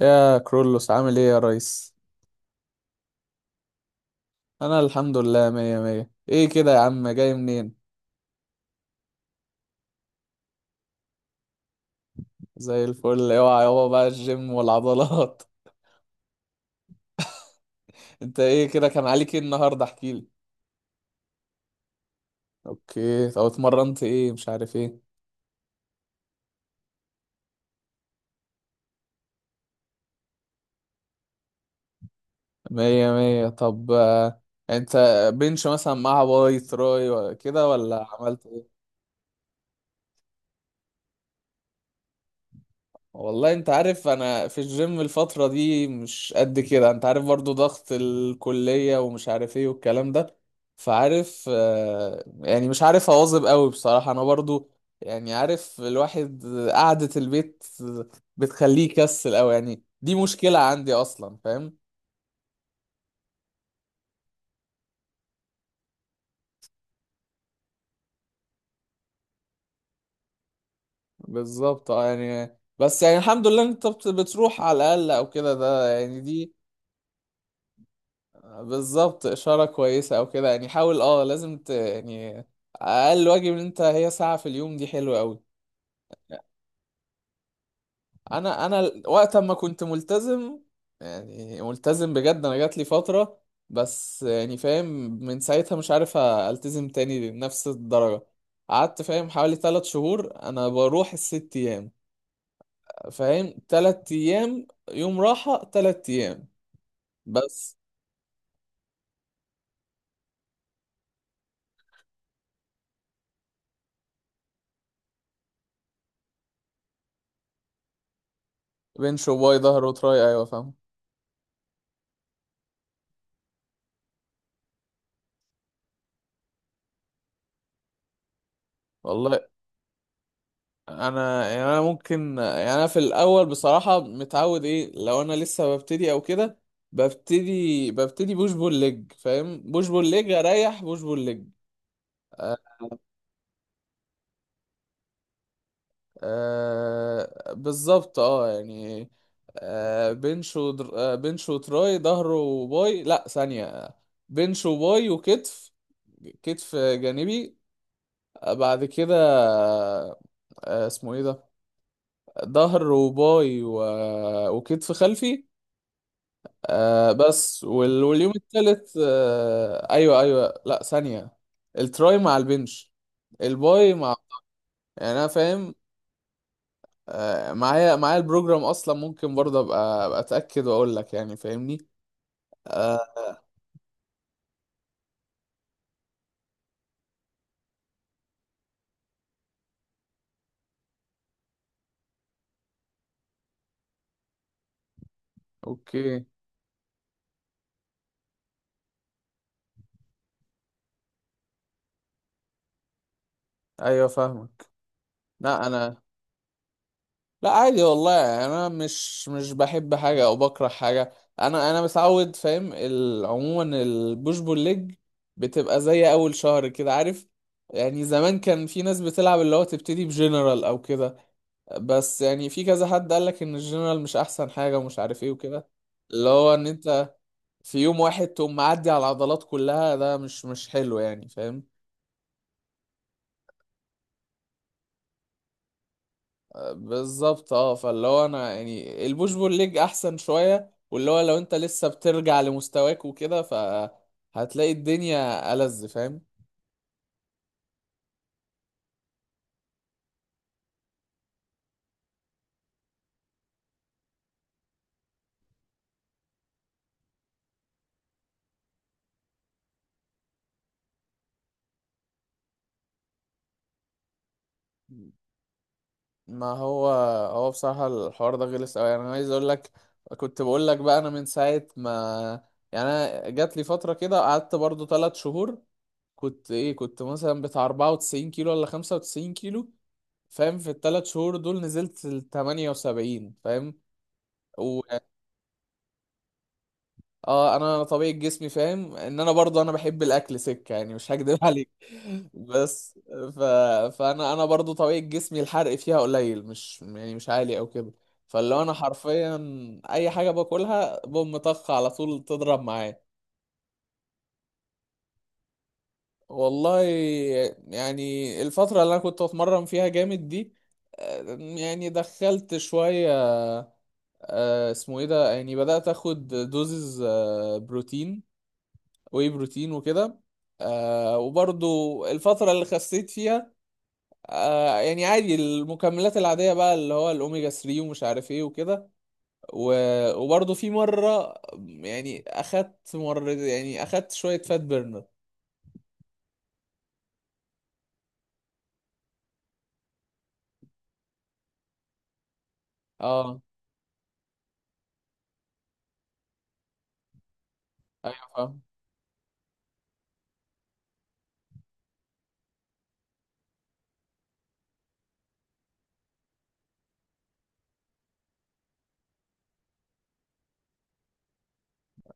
يا كرولوس، عامل ايه يا ريس؟ انا الحمد لله، مية مية. ايه كده يا عم؟ جاي منين؟ زي الفل. اوعى يابا بقى الجيم والعضلات. انت ايه كده؟ كان عليك ايه النهارده؟ احكيلي. اوكي. طب اتمرنت ايه؟ مش عارف ايه. مية مية. طب انت بنش مثلا مع باي تراي كده، ولا عملت؟ والله انت عارف، انا في الجيم الفترة دي مش قد كده. انت عارف برضو ضغط الكلية ومش عارف ايه والكلام ده. فعارف يعني مش عارف اواظب قوي بصراحة، انا برضو. يعني عارف الواحد قعدة البيت بتخليه يكسل قوي، يعني دي مشكلة عندي اصلا، فاهم؟ بالظبط اه. يعني بس يعني الحمد لله انت بتروح على الاقل او كده، ده يعني دي بالظبط إشارة كويسة أو كده. يعني حاول، اه لازم يعني أقل واجب إن أنت هي ساعة في اليوم، دي حلوة أوي. أنا وقت ما كنت ملتزم، يعني ملتزم بجد، أنا جات لي فترة. بس يعني فاهم، من ساعتها مش عارف ألتزم تاني لنفس الدرجة. قعدت فاهم حوالي تلات شهور أنا بروح الست أيام. فاهم تلات أيام يوم راحة تلات أيام. بس. بنش وباي، ظهر وتراي، أيوة فاهم. والله انا يعني انا ممكن، يعني انا في الاول بصراحه متعود، ايه لو انا لسه ببتدي او كده. ببتدي بوش بول ليج، فاهم؟ بوش بول ليج اريح، بوش بول ليج. آه. بالظبط اه يعني. آه بنش ودر... آه بنش وتراي، ظهر وباي، لا ثانيه. بنش وباي وكتف. كتف جانبي. بعد كده. آه اسمه ايه ده؟ ظهر وباي وكتف خلفي. آه بس واليوم التالت آه ايوه ايوه لا ثانية. التراي مع البنش. الباي مع. يعني انا فاهم. آه معايا البروجرام اصلا، ممكن برضه ابقى اتاكد واقول لك، يعني فاهمني؟ آه. اوكي. ايوه فاهمك. لا انا. لا عادي والله، انا مش بحب حاجه او بكره حاجه. انا متعود فاهم عموما البوش بول ليج بتبقى زي اول شهر كده، عارف؟ يعني زمان كان في ناس بتلعب اللي هو تبتدي بجنرال او كده. بس يعني في كذا حد قالك ان الجنرال مش احسن حاجه ومش عارف ايه وكده. اللي هو ان انت في يوم واحد تقوم معدي على العضلات كلها، ده مش حلو يعني، فاهم؟ بالظبط اه. فاللي هو انا يعني البوش بول ليج احسن شويه. واللي هو لو انت لسه بترجع لمستواك وكده، فهتلاقي الدنيا ألذ، فاهم؟ ما هو، هو بصراحه الحوار ده غلس قوي. يعني انا عايز اقول لك، كنت بقول لك بقى، انا من ساعه ما يعني. انا جات لي فتره كده قعدت برضو ثلاث شهور. كنت ايه، كنت مثلا بتاع 94 كيلو ولا 95 كيلو، فاهم؟ في الثلاث شهور دول نزلت ل 78، فاهم؟ اه انا طبيعة جسمي فاهم، ان انا برضو انا بحب الاكل سكة، يعني مش هكدب عليك. بس فانا برضو طبيعة جسمي الحرق فيها قليل، مش يعني مش عالي او كده. فلو انا حرفيا اي حاجة باكلها بوم طخ على طول تضرب معايا. والله يعني، الفترة اللي انا كنت اتمرن فيها جامد دي، يعني دخلت شوية. اسمه ايه ده، يعني بدأت اخد دوزز بروتين، واي بروتين وكده. وبرضو الفترة اللي خسيت فيها، يعني عادي المكملات العادية بقى، اللي هو الأوميجا 3 ومش عارف ايه وكده. وبرضو في مرة، يعني أخدت مرة، يعني أخدت شوية فات بيرنر. اه ايوه فاهم.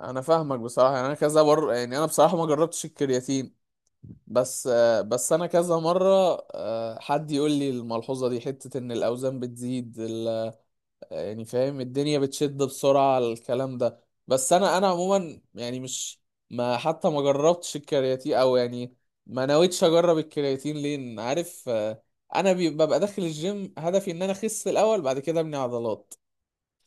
انا فاهمك بصراحه. يعني انا كذا مره، يعني انا بصراحه ما جربتش الكرياتين. بس بس انا كذا مره حد يقول لي الملحوظه دي، حته ان الاوزان بتزيد، يعني فاهم الدنيا بتشد بسرعة على الكلام ده. بس انا عموما يعني مش، ما حتى ما جربتش الكرياتين او يعني ما نويتش اجرب الكرياتين، لان عارف انا ببقى داخل الجيم هدفي ان انا اخس الاول، بعد كده ابني عضلات.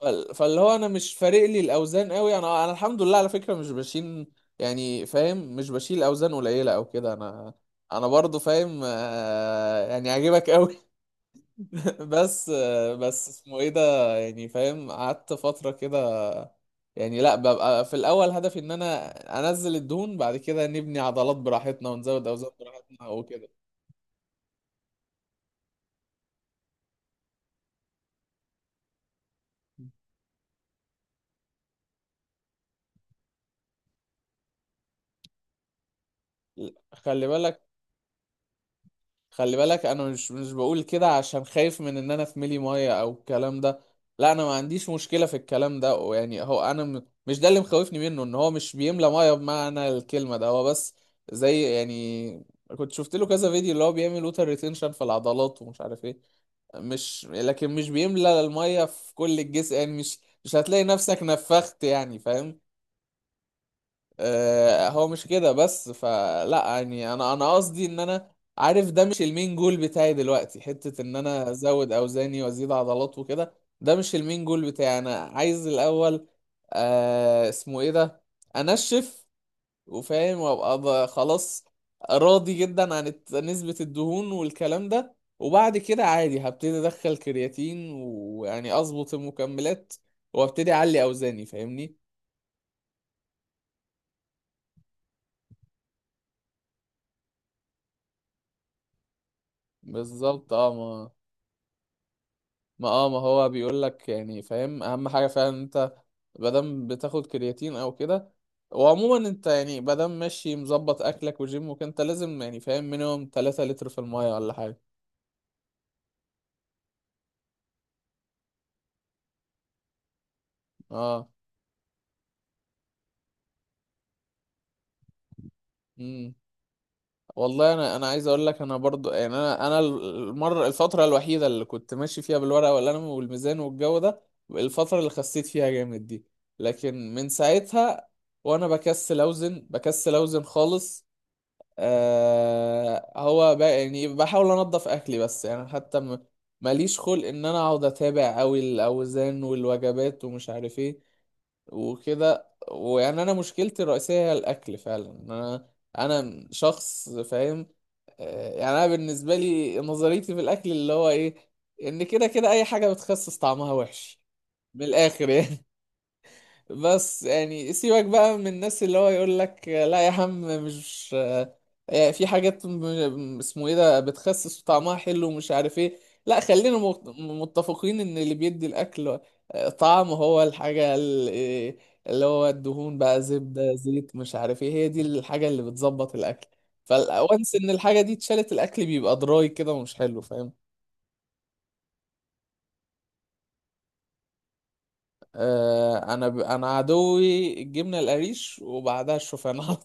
فاللي هو انا مش فارق لي الاوزان قوي، انا الحمد لله على فكرة مش بشيل. يعني فاهم مش بشيل اوزان قليلة او كده. انا برضو فاهم يعني عاجبك قوي، بس. بس اسمه ايه ده، يعني فاهم قعدت فترة كده. يعني لا ببقى في الاول هدفي ان انا انزل الدهون، بعد كده نبني عضلات براحتنا ونزود اوزان براحتنا وكده. خلي بالك. خلي بالك انا مش بقول كده عشان خايف من ان انا في ملي ميه او الكلام ده. لا انا ما عنديش مشكلة في الكلام ده. ويعني هو انا مش ده اللي مخوفني منه، ان هو مش بيملى ميه بمعنى الكلمة، ده هو بس زي يعني. كنت شفت له كذا فيديو اللي هو بيعمل ووتر ريتنشن في العضلات ومش عارف ايه. مش لكن مش بيملى المية في كل الجسم، يعني مش، مش هتلاقي نفسك نفخت، يعني فاهم؟ آه هو مش كده. بس فلا يعني انا قصدي ان انا عارف ده مش المين جول بتاعي دلوقتي، حتة ان انا ازود اوزاني وازيد عضلات وكده. ده مش المين جول بتاعي. انا عايز الاول آه اسمه ايه ده، انشف وفاهم وابقى خلاص راضي جدا عن نسبة الدهون والكلام ده، وبعد كده عادي هبتدي ادخل كرياتين، ويعني اظبط المكملات وابتدي اعلي اوزاني، فاهمني؟ بالظبط اه. ما، ما اه ما هو بيقول لك، يعني فاهم اهم حاجة فعلا انت مادام بتاخد كرياتين او كده. وعموما انت يعني مادام ماشي مظبط اكلك وجيمك، انت لازم يعني فاهم مينيمم 3 لتر في المية ولا حاجة. اه والله انا، انا عايز اقول لك انا برضو يعني، انا الفتره الوحيده اللي كنت ماشي فيها بالورقه والقلم والميزان والجو ده، الفتره اللي خسيت فيها جامد دي. لكن من ساعتها وانا بكسل اوزن بكسل اوزن خالص. آه هو بقى يعني بحاول انضف اكلي، بس يعني حتى ماليش خلق ان انا اقعد اتابع اوي الاوزان والوجبات ومش عارف ايه وكده. ويعني انا مشكلتي الرئيسيه هي الاكل فعلا. انا انا شخص فاهم يعني انا بالنسبه لي نظريتي في الاكل اللي هو ايه، ان كده كده اي حاجه بتخسس طعمها وحش، من الاخر يعني. بس يعني سيبك بقى من الناس اللي هو يقول لك لا يا عم مش. يعني في حاجات اسمه ايه ده بتخسس وطعمها حلو ومش عارف ايه. لا خلينا متفقين ان اللي بيدي الاكل طعم هو الحاجة اللي هو الدهون بقى، زبدة زيت مش عارف ايه، هي دي الحاجة اللي بتظبط الاكل. فالوانس ان الحاجة دي اتشالت الاكل بيبقى دراي كده ومش حلو، فاهم؟ آه انا انا عدوي الجبنة القريش وبعدها الشوفان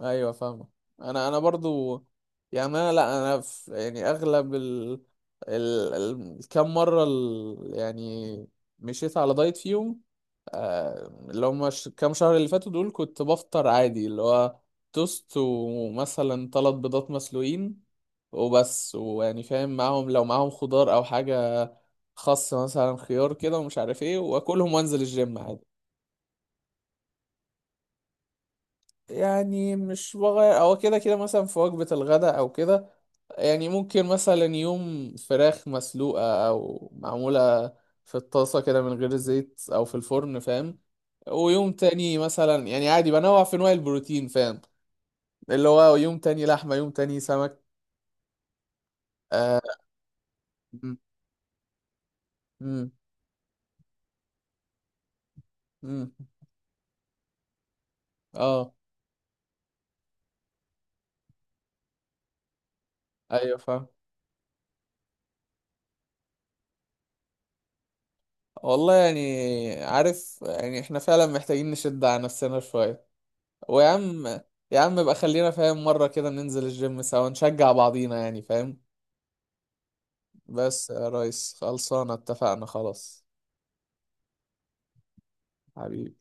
ايوه فاهمه. انا برضو. يعني انا لا انا في، يعني اغلب الكام مره يعني مشيت على دايت فيهم. كام شهر اللي فاتوا دول كنت بفطر عادي، اللي هو توست ومثلا ثلاث بيضات مسلوقين وبس. ويعني فاهم معاهم، لو معاهم خضار او حاجه، خس مثلا خيار كده ومش عارف ايه، واكلهم وانزل الجيم عادي. يعني مش بغير، هو كده كده مثلا في وجبة الغداء أو كده يعني ممكن مثلا يوم فراخ مسلوقة أو معمولة في الطاسة كده من غير زيت أو في الفرن، فاهم؟ ويوم تاني مثلا يعني عادي بنوع في أنواع البروتين، فاهم؟ اللي هو يوم تاني لحمة، يوم تاني سمك. آه. مم، مم، مم. آه أيوة فاهم. والله يعني، عارف يعني إحنا فعلا محتاجين نشد على نفسنا شوية. ويا عم، يا عم بقى خلينا فاهم مرة كده ننزل الجيم سوا نشجع بعضينا، يعني فاهم. بس يا ريس، خلصانة؟ اتفقنا؟ خلاص. حبيبي.